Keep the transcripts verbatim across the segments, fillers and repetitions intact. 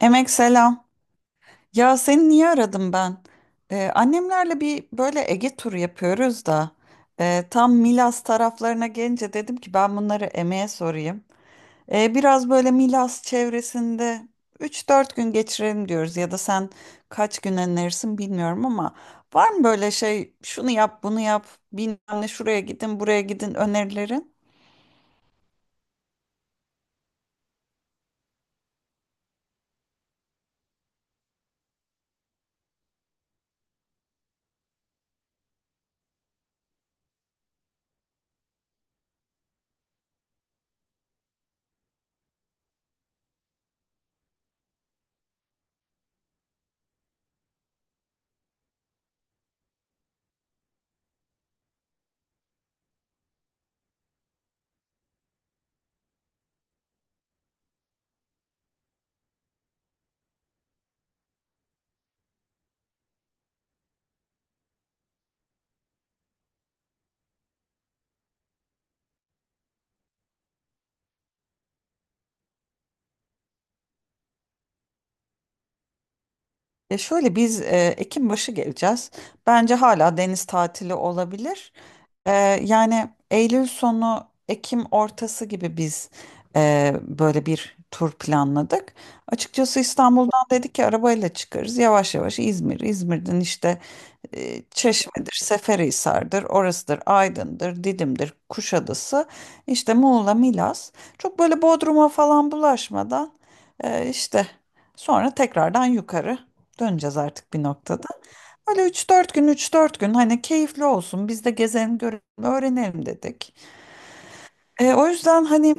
Emek selam. Ya seni niye aradım ben? Ee, annemlerle bir böyle Ege turu yapıyoruz da e, tam Milas taraflarına gelince dedim ki ben bunları Emek'e sorayım. Ee, biraz böyle Milas çevresinde üç dört gün geçirelim diyoruz ya da sen kaç gün önerirsin bilmiyorum ama var mı böyle şey şunu yap bunu yap bilmem ne şuraya gidin buraya gidin önerilerin? Ya şöyle biz e, Ekim başı geleceğiz. Bence hala deniz tatili olabilir. E, yani Eylül sonu, Ekim ortası gibi biz e, böyle bir tur planladık. Açıkçası İstanbul'dan dedik ki arabayla çıkarız. Yavaş yavaş İzmir, İzmir'den işte e, Çeşme'dir, Seferihisar'dır, orasıdır, Aydın'dır, Didim'dir, Kuşadası, işte Muğla, Milas. Çok böyle Bodrum'a falan bulaşmadan e, işte sonra tekrardan yukarı. Döneceğiz artık bir noktada. Öyle üç dört gün üç dört gün hani keyifli olsun biz de gezelim görelim öğrenelim dedik. E, o yüzden hani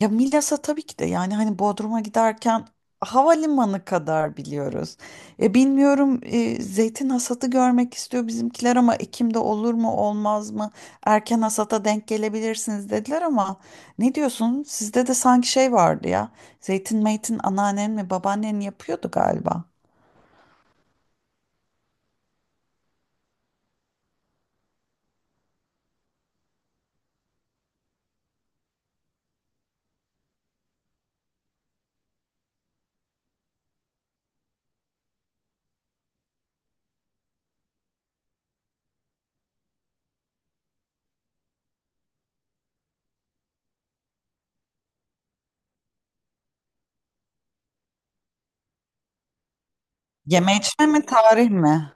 ya Milas'a tabii ki de yani hani Bodrum'a giderken havalimanı kadar biliyoruz. E, bilmiyorum e, zeytin hasadı görmek istiyor bizimkiler ama Ekim'de olur mu olmaz mı? Erken hasata denk gelebilirsiniz dediler ama ne diyorsun? Sizde de sanki şey vardı ya zeytin meytin anneannen mi babaannen yapıyordu galiba. Yeme içme mi tarih mi?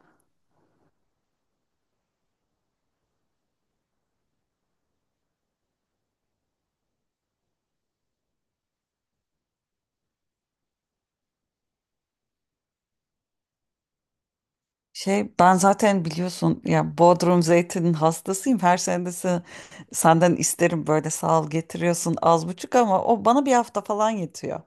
Şey, ben zaten biliyorsun ya Bodrum zeytinin hastasıyım. Her sene de se- senden isterim, böyle sağ ol getiriyorsun az buçuk ama o bana bir hafta falan yetiyor.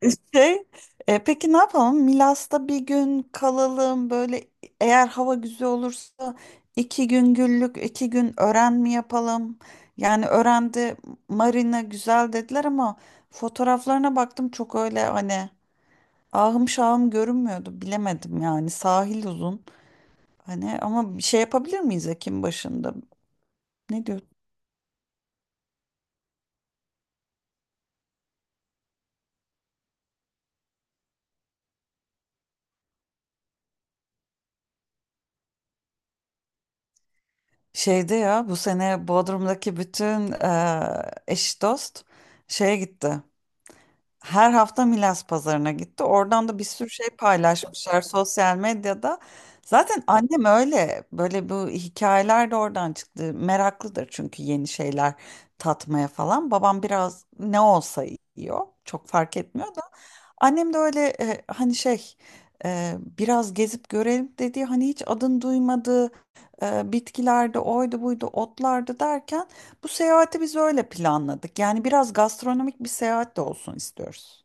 Şey, e, peki ne yapalım? Milas'ta bir gün kalalım, böyle eğer hava güzel olursa iki gün Güllük, iki gün Öğren mi yapalım? Yani Öğrende marina güzel dediler ama fotoğraflarına baktım, çok öyle hani ahım şahım görünmüyordu, bilemedim yani. Sahil uzun. Hani ama bir şey yapabilir miyiz Ekim başında? Ne diyor? Şeyde ya, bu sene Bodrum'daki bütün eee, eş dost şeye gitti. Her hafta Milas pazarına gitti. Oradan da bir sürü şey paylaşmışlar sosyal medyada. Zaten annem öyle böyle, bu hikayeler de oradan çıktı. Meraklıdır çünkü yeni şeyler tatmaya falan. Babam biraz ne olsa yiyor. Çok fark etmiyor da. Annem de öyle e, hani şey, e, biraz gezip görelim dediği, hani hiç adını duymadığı e, bitkilerde oydu buydu otlardı derken bu seyahati biz öyle planladık. Yani biraz gastronomik bir seyahat de olsun istiyoruz.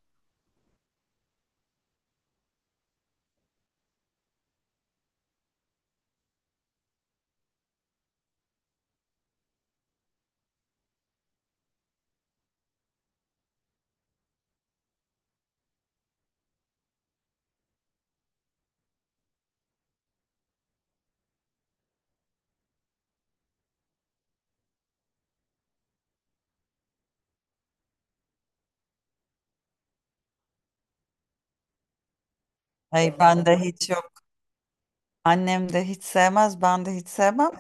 Ay, ben de hiç yok. Annem de hiç sevmez, ben de hiç sevmem.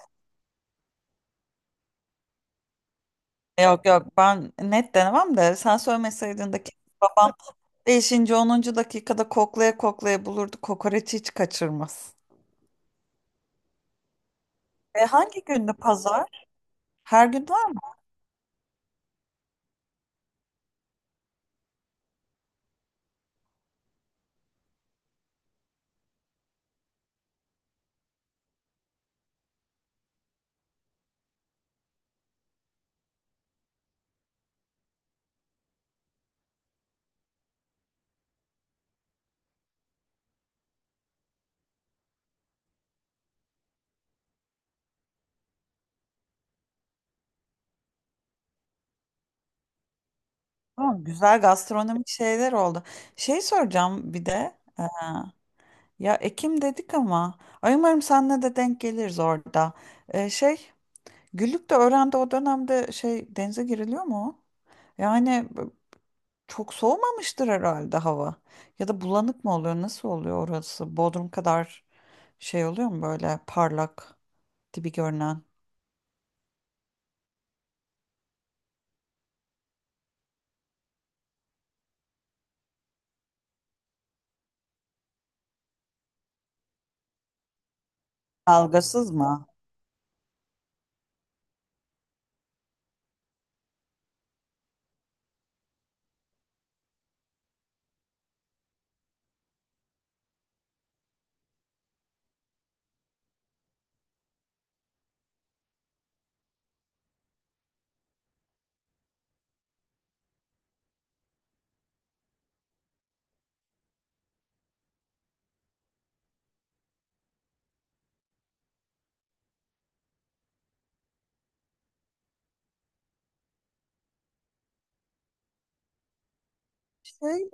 Yok yok, ben net denemem de sen söylemeseydin de ki babam beşinci onuncu dakikada koklaya koklaya bulurdu. Kokoreçi hiç kaçırmaz. E hangi gündü pazar? Her gün var mı? Tamam, güzel gastronomik şeyler oldu. Şey soracağım bir de. e, Ya Ekim dedik ama ay, umarım senle de denk geliriz orada. E, şey, Güllük de öğrendi o dönemde, şey, denize giriliyor mu o? Yani b- çok soğumamıştır herhalde hava. Ya da bulanık mı oluyor? Nasıl oluyor orası? Bodrum kadar şey oluyor mu, böyle parlak gibi görünen? Dalgasız mı? Şey,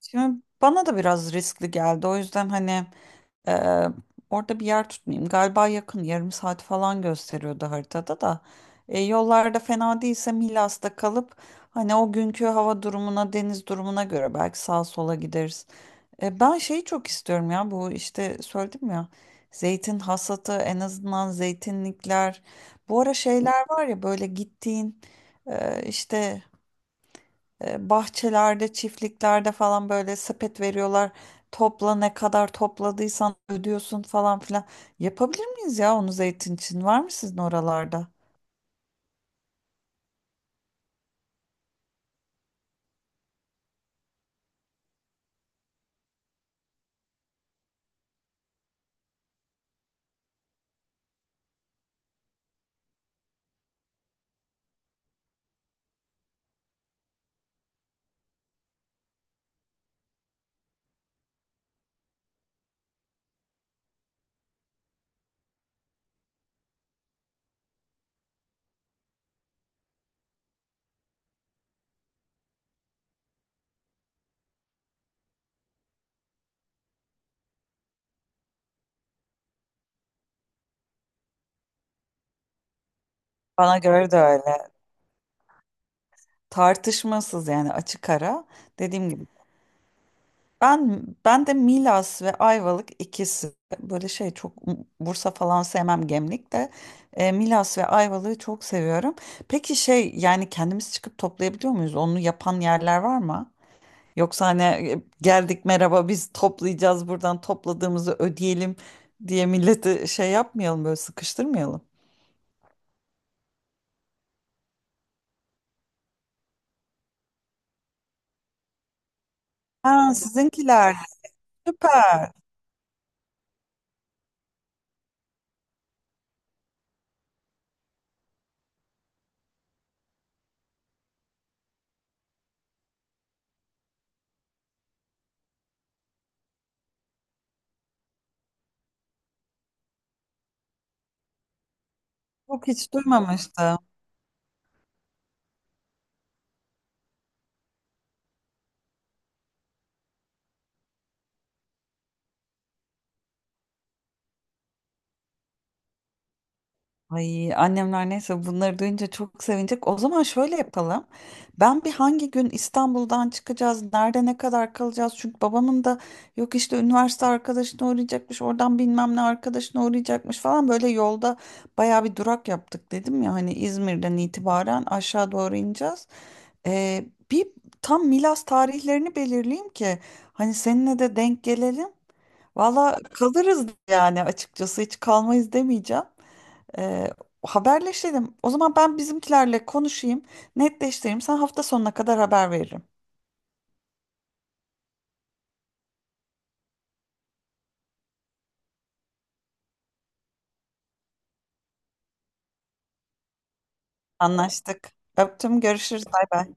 şimdi bana da biraz riskli geldi. O yüzden hani Ee, orada bir yer tutmayayım. Galiba yakın, yarım saat falan gösteriyordu haritada da. E, yollarda fena değilse Milas'ta kalıp hani o günkü hava durumuna, deniz durumuna göre belki sağa sola gideriz. E, ben şeyi çok istiyorum ya, bu işte söyledim ya, zeytin hasatı, en azından zeytinlikler. Bu ara şeyler var ya, böyle gittiğin e, işte e, bahçelerde, çiftliklerde falan böyle sepet veriyorlar. Topla, ne kadar topladıysan ödüyorsun falan filan. Yapabilir miyiz ya onu zeytin için? Var mı sizin oralarda? Bana göre de öyle. Tartışmasız yani, açık ara. Dediğim gibi. Ben ben de Milas ve Ayvalık, ikisi böyle şey çok. Bursa falan sevmem, Gemlik de. E, Milas ve Ayvalık'ı çok seviyorum. Peki şey, yani kendimiz çıkıp toplayabiliyor muyuz? Onu yapan yerler var mı? Yoksa hani e, geldik merhaba biz toplayacağız buradan, topladığımızı ödeyelim diye milleti şey yapmayalım, böyle sıkıştırmayalım. Ha, sizinkiler, süper. Çok, hiç duymamıştım. Ay, annemler neyse bunları duyunca çok sevinecek. O zaman şöyle yapalım. Ben bir, hangi gün İstanbul'dan çıkacağız, nerede ne kadar kalacağız? Çünkü babamın da yok işte, üniversite arkadaşına uğrayacakmış, oradan bilmem ne arkadaşına uğrayacakmış falan, böyle yolda baya bir durak yaptık dedim ya, hani İzmir'den itibaren aşağı doğru ineceğiz. Ee, bir tam Milas tarihlerini belirleyeyim ki hani seninle de denk gelelim. Valla kalırız yani, açıkçası hiç kalmayız demeyeceğim. Ee, haberleşelim. O zaman ben bizimkilerle konuşayım, netleştireyim. Sen, hafta sonuna kadar haber veririm. Anlaştık. Öptüm, görüşürüz. Bay bay.